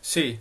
Sì,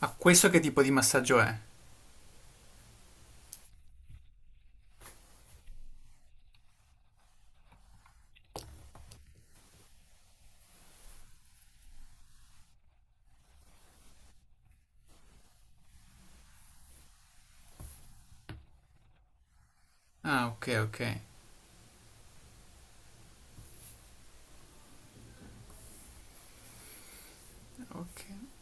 ma questo che tipo di massaggio è? Ah, ok, ok. Ok.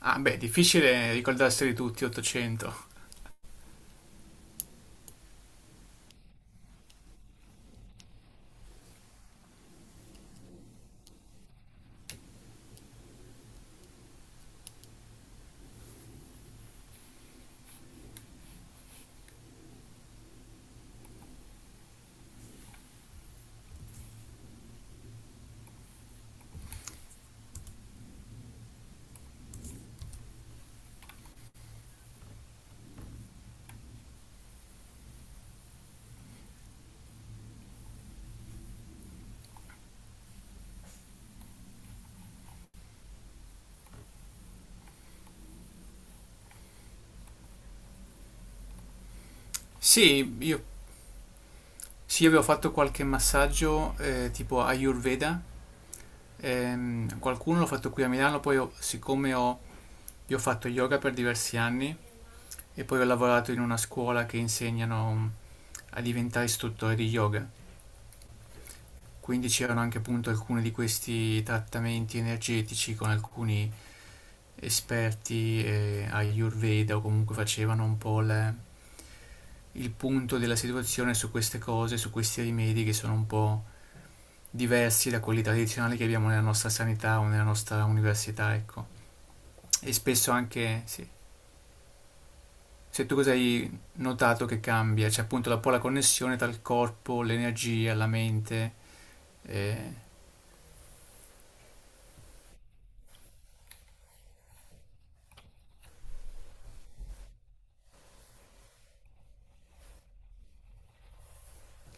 Ah, beh, difficile ricordarseli tutti, 800. Sì, io, sì, io avevo fatto qualche massaggio tipo Ayurveda, qualcuno l'ho fatto qui a Milano, siccome io ho fatto yoga per diversi anni e poi ho lavorato in una scuola che insegnano a diventare istruttore di yoga. Quindi c'erano anche appunto alcuni di questi trattamenti energetici con alcuni esperti Ayurveda, o comunque facevano il punto della situazione su queste cose, su questi rimedi che sono un po' diversi da quelli tradizionali che abbiamo nella nostra sanità o nella nostra università, ecco. E spesso anche, sì. Se tu cosa hai notato che cambia? C'è appunto un po' la connessione tra il corpo, l'energia, la mente, eh,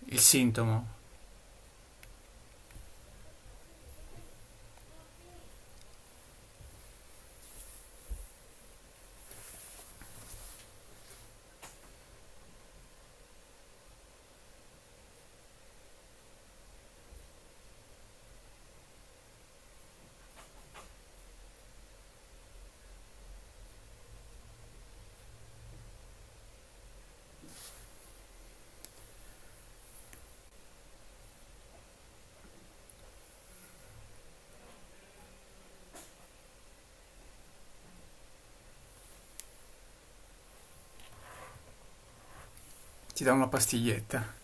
il sintomo. Ti dà una pastiglietta.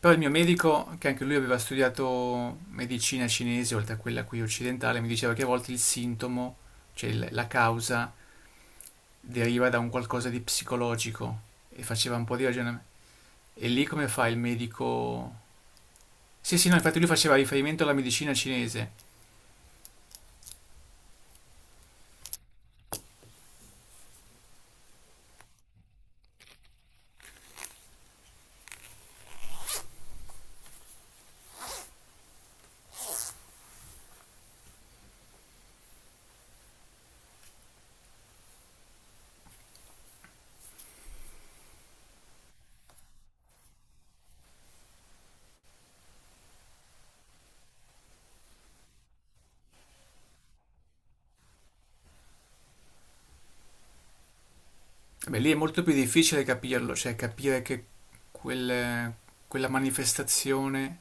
Però il mio medico, che anche lui aveva studiato medicina cinese, oltre a quella qui occidentale, mi diceva che a volte il sintomo, cioè la causa, deriva da un qualcosa di psicologico e faceva un po' di ragionamento. E lì come fa il medico? Sì, sì, no, infatti lui faceva riferimento alla medicina cinese. Beh, lì è molto più difficile capirlo, cioè capire che quel- quella manifestazione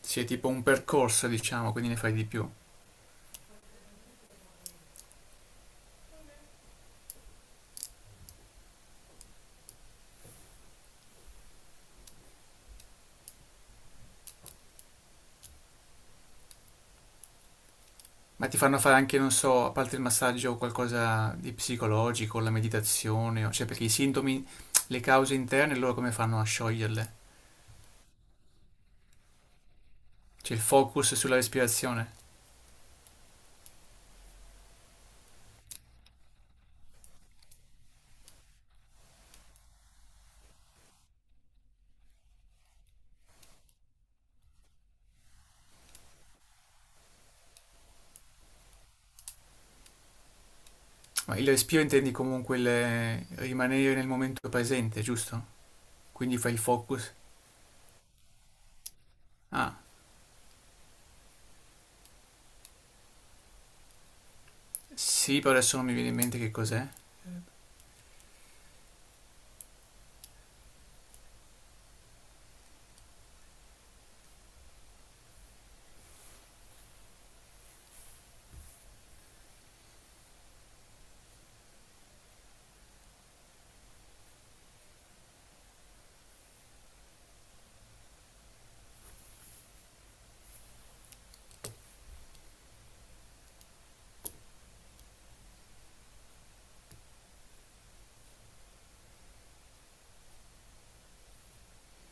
sia tipo un percorso, diciamo, quindi ne fai di più. Ma ti fanno fare anche, non so, a parte il massaggio, qualcosa di psicologico, la meditazione, cioè perché i sintomi, le cause interne, loro come fanno a scioglierle? Cioè il focus sulla respirazione. Ma il respiro intendi comunque il rimanere nel momento presente, giusto? Quindi fai il focus. Ah, sì, però adesso non mi viene in mente che cos'è.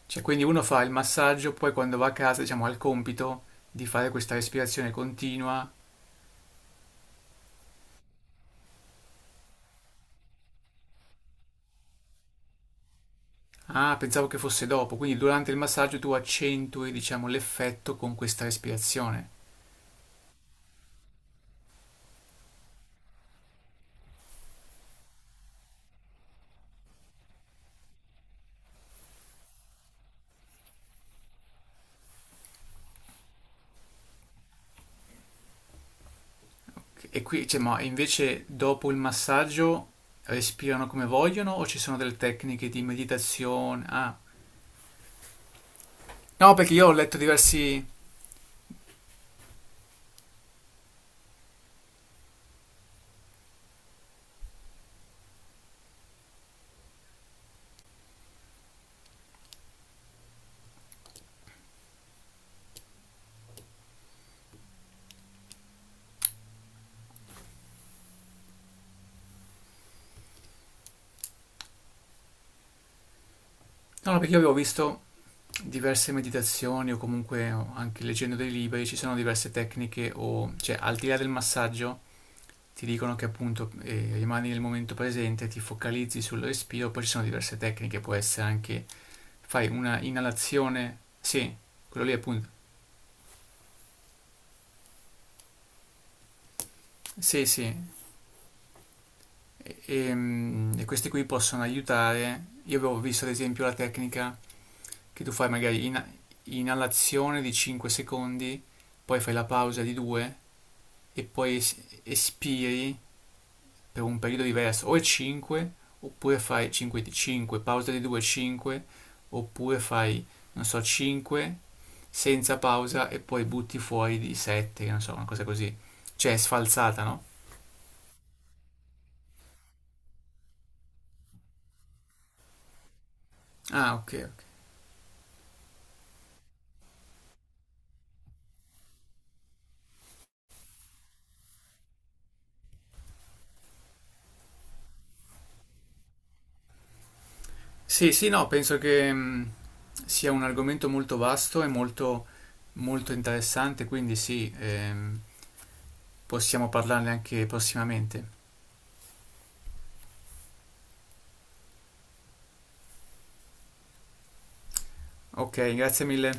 Cioè, quindi uno fa il massaggio, poi quando va a casa, diciamo, ha il compito di fare questa respirazione continua. Ah, pensavo che fosse dopo, quindi durante il massaggio tu accentui, diciamo, l'effetto con questa respirazione. E qui, cioè, ma invece dopo il massaggio respirano come vogliono o ci sono delle tecniche di meditazione? Ah, no, perché io ho letto diversi... No, no, perché io avevo visto diverse meditazioni o comunque o anche leggendo dei libri ci sono diverse tecniche o cioè al di là del massaggio ti dicono che appunto rimani nel momento presente, ti focalizzi sul respiro, poi ci sono diverse tecniche, può essere anche fai una inalazione, sì, quello lì appunto, sì, sì, e questi qui possono aiutare. Io avevo visto ad esempio la tecnica che tu fai magari inalazione di 5 secondi, poi fai la pausa di 2 e espiri per un periodo diverso, o è 5, oppure fai 5, 5 pausa di 2, 5, oppure fai, non so, 5 senza pausa e poi butti fuori di 7, non so, una cosa così. Cioè è sfalsata, no? Ah, ok, ok. Sì, sì, no, penso che sia un argomento molto vasto e molto, molto interessante, quindi sì, possiamo parlarne anche prossimamente. Ok, grazie mille.